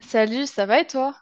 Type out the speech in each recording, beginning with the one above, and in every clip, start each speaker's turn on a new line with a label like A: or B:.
A: Salut, ça va et toi?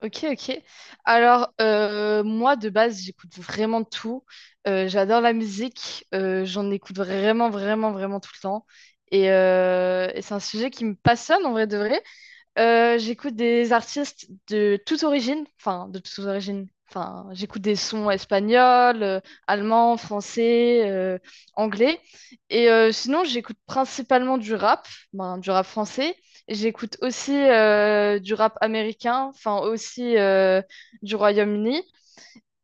A: Ok, ok. Alors, moi, de base, j'écoute vraiment tout. J'adore la musique. J'en écoute vraiment, vraiment, vraiment tout le temps. Et c'est un sujet qui me passionne en vrai de vrai. J'écoute des artistes de toute origine, enfin de toutes origines. Enfin, j'écoute des sons espagnols, allemands, français, anglais. Et sinon, j'écoute principalement du rap, ben, du rap français. Et j'écoute aussi du rap américain, enfin aussi du Royaume-Uni.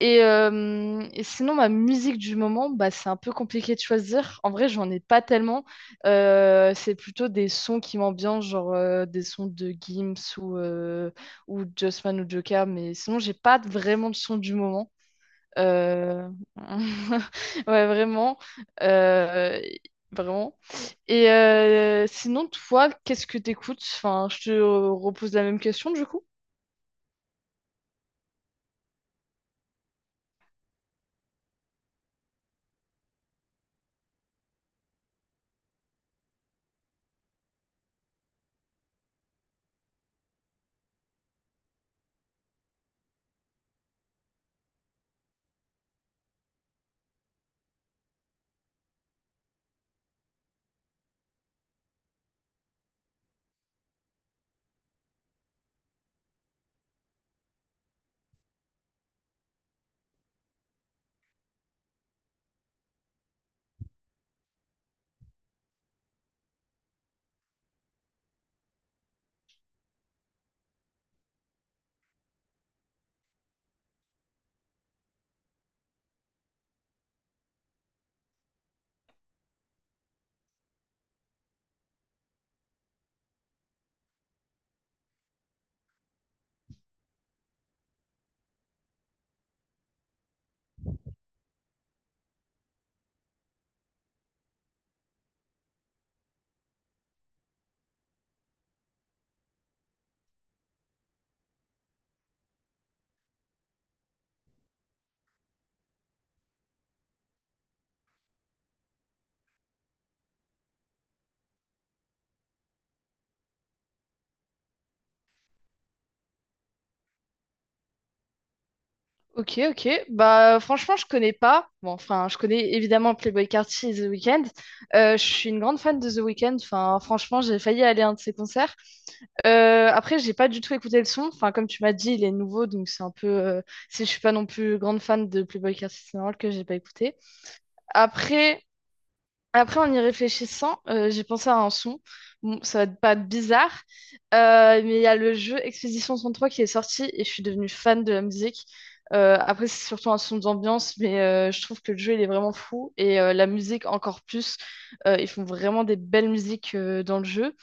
A: Et sinon, ma musique du moment, bah, c'est un peu compliqué de choisir. En vrai, j'en ai pas tellement. C'est plutôt des sons qui m'ambiancent, genre des sons de Gims ou Justman ou Joker. Mais sinon, j'ai pas vraiment de son du moment. Euh, Ouais, vraiment. Euh, Vraiment. Et sinon, toi, qu'est-ce que t'écoutes? Enfin, je te repose la même question du coup. Ok, ok. Bah, franchement, je connais pas. Bon, enfin, je connais évidemment Playboy Carti et The Weeknd. Je suis une grande fan de The Weeknd. Enfin, franchement, j'ai failli aller à un de ses concerts. Après, j'ai pas du tout écouté le son. Enfin, comme tu m'as dit, il est nouveau, donc c'est un peu. Je suis pas non plus grande fan de Playboy Carti, c'est normal que j'ai pas écouté. Après, après, en y réfléchissant, j'ai pensé à un son. Bon, ça va pas être bizarre, mais il y a le jeu Expédition 33 qui est sorti et je suis devenue fan de la musique. Après, c'est surtout un son d'ambiance, mais je trouve que le jeu, il est vraiment fou et la musique encore plus. Ils font vraiment des belles musiques dans le jeu.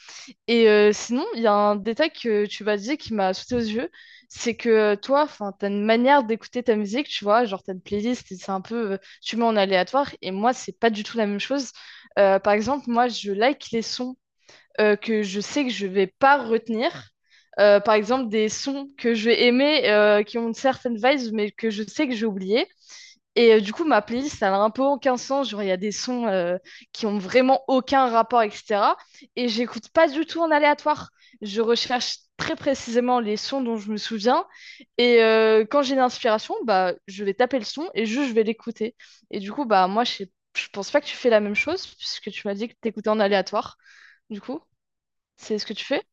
A: Et sinon, il y a un détail que tu vas dire qui m'a sauté aux yeux, c'est que toi, enfin, t'as une manière d'écouter ta musique, tu vois, genre t'as une playlist, et c'est un peu, tu mets en aléatoire, et moi, c'est pas du tout la même chose. Par exemple, moi, je like les sons que je sais que je vais pas retenir. Par exemple, des sons que je vais aimer, qui ont une certaine vibe, mais que je sais que j'ai oublié. Et du coup, ma playlist, elle a un peu aucun sens. Genre, il y a des sons qui ont vraiment aucun rapport, etc. Et j'écoute pas du tout en aléatoire. Je recherche très précisément les sons dont je me souviens. Et quand j'ai une inspiration, bah, je vais taper le son et juste je vais l'écouter. Et du coup, bah, moi, je pense pas que tu fais la même chose, puisque tu m'as dit que t'écoutais en aléatoire. Du coup, c'est ce que tu fais?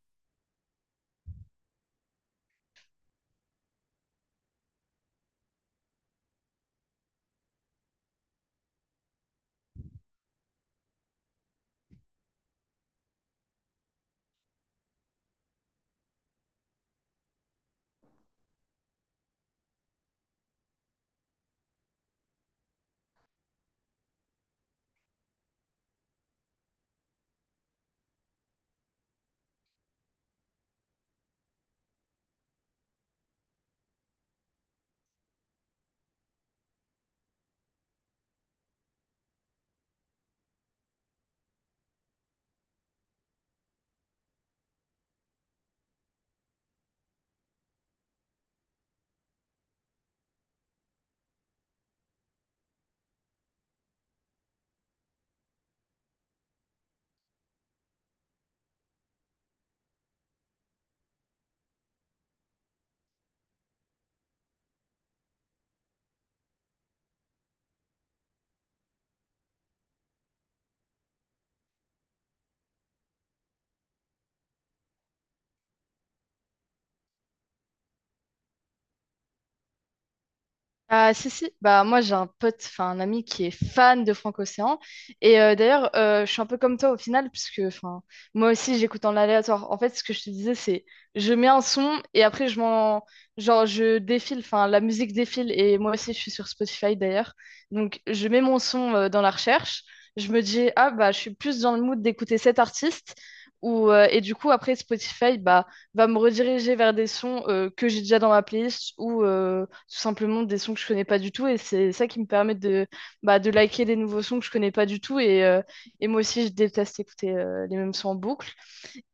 A: Ah, si, si, bah, moi j'ai un pote, enfin un ami qui est fan de Franco-Océan. Et d'ailleurs, je suis un peu comme toi au final, puisque enfin, moi aussi j'écoute en aléatoire. En fait, ce que je te disais, c'est je mets un son et après je m'en. Genre, je défile, enfin la musique défile et moi aussi je suis sur Spotify d'ailleurs. Donc, je mets mon son dans la recherche. Je me dis, ah bah, je suis plus dans le mood d'écouter cet artiste. Ou, et du coup, après Spotify, bah va me rediriger vers des sons que j'ai déjà dans ma playlist ou tout simplement des sons que je connais pas du tout. Et c'est ça qui me permet de, bah, de liker des nouveaux sons que je connais pas du tout. Et moi aussi, je déteste écouter les mêmes sons en boucle.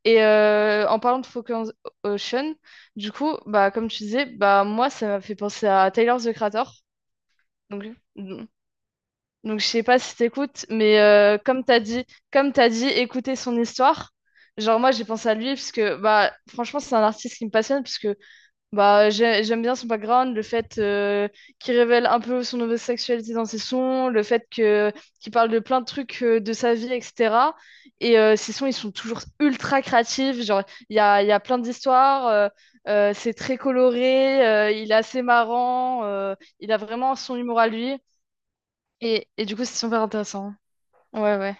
A: Et en parlant de Focus Ocean, du coup, bah, comme tu disais, bah, moi, ça m'a fait penser à Tyler, The Creator. Donc, donc je sais pas si t'écoutes, mais comme t'as dit, écouter son histoire. Genre moi j'ai pensé à lui parce que bah franchement c'est un artiste qui me passionne parce que bah, j'aime bien son background, le fait qu'il révèle un peu son homosexualité dans ses sons, le fait que qu'il parle de plein de trucs de sa vie, etc. Et ses sons, ils sont toujours ultra créatifs. Genre, il y a plein d'histoires, c'est très coloré, il est assez marrant, il a vraiment son humour à lui. Et du coup, c'est super intéressant. Ouais, ouais.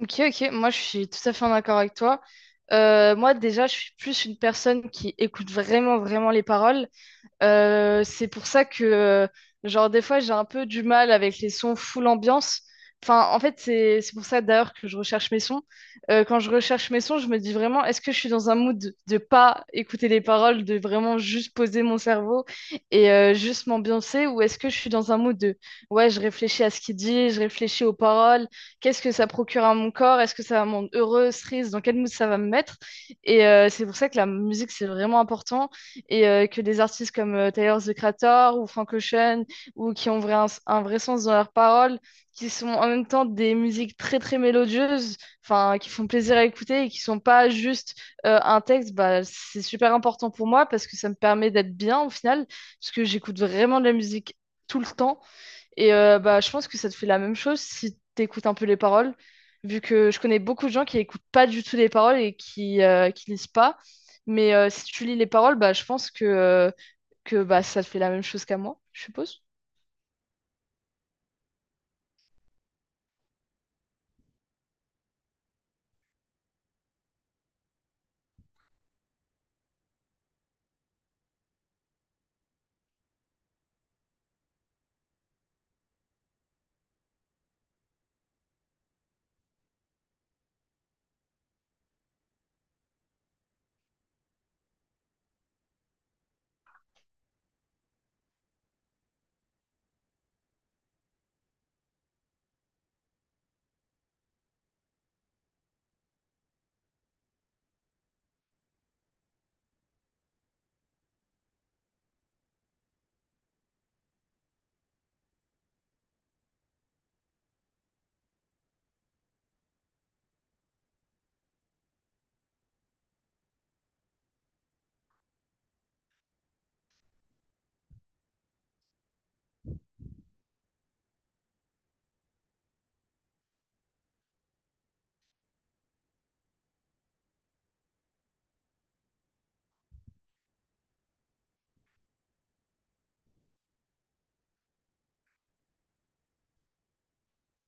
A: Ok, ok, moi je suis tout à fait en accord avec toi. Moi, déjà, je suis plus une personne qui écoute vraiment, vraiment les paroles. C'est pour ça que, genre, des fois, j'ai un peu du mal avec les sons full ambiance. Enfin, en fait, c'est pour ça d'ailleurs que je recherche mes sons. Quand je recherche mes sons, je me dis vraiment, est-ce que je suis dans un mood de pas écouter les paroles, de vraiment juste poser mon cerveau et juste m'ambiancer, ou est-ce que je suis dans un mood de, ouais, je réfléchis à ce qu'il dit, je réfléchis aux paroles, qu'est-ce que ça procure à mon corps, est-ce que ça va me rendre heureuse, triste, dans quel mood ça va me mettre? Et c'est pour ça que la musique, c'est vraiment important et que des artistes comme Tyler the Creator ou Frank Ocean ou qui ont un vrai sens dans leurs paroles, qui sont en même temps des musiques très très mélodieuses, enfin qui font plaisir à écouter et qui sont pas juste un texte, bah, c'est super important pour moi parce que ça me permet d'être bien au final, parce que j'écoute vraiment de la musique tout le temps et bah, je pense que ça te fait la même chose si t'écoutes un peu les paroles, vu que je connais beaucoup de gens qui écoutent pas du tout les paroles et qui lisent pas. Mais si tu lis les paroles, bah, je pense que, bah, ça te fait la même chose qu'à moi, je suppose.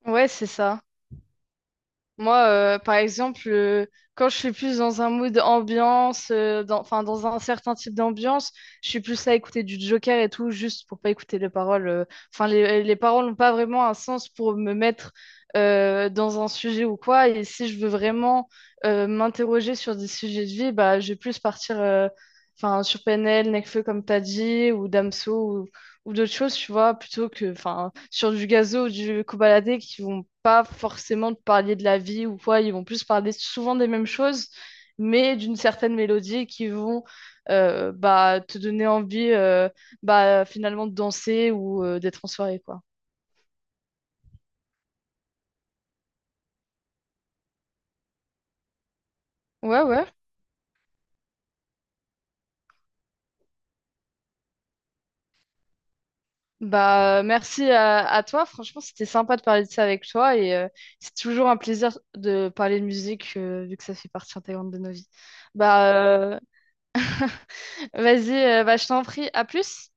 A: Ouais, c'est ça. Moi, par exemple, quand je suis plus dans un mood ambiance, dans, enfin, dans un certain type d'ambiance, je suis plus à écouter du Joker et tout, juste pour pas écouter les paroles. Enfin, les paroles n'ont pas vraiment un sens pour me mettre dans un sujet ou quoi. Et si je veux vraiment m'interroger sur des sujets de vie, bah, je vais plus partir enfin, sur PNL, Nekfeu, comme t'as dit, ou Damso, ou d'autres choses, tu vois, plutôt que enfin sur du gazo ou du cobaladé qui vont pas forcément te parler de la vie ou quoi, ils vont plus parler souvent des mêmes choses, mais d'une certaine mélodie qui vont bah, te donner envie bah, finalement de danser ou d'être en soirée, quoi. Ouais, ouais. Bah, merci à toi. Franchement, c'était sympa de parler de ça avec toi et c'est toujours un plaisir de parler de musique vu que ça fait partie intégrante de nos vies. Bah, euh, Vas-y, bah, je t'en prie. À plus.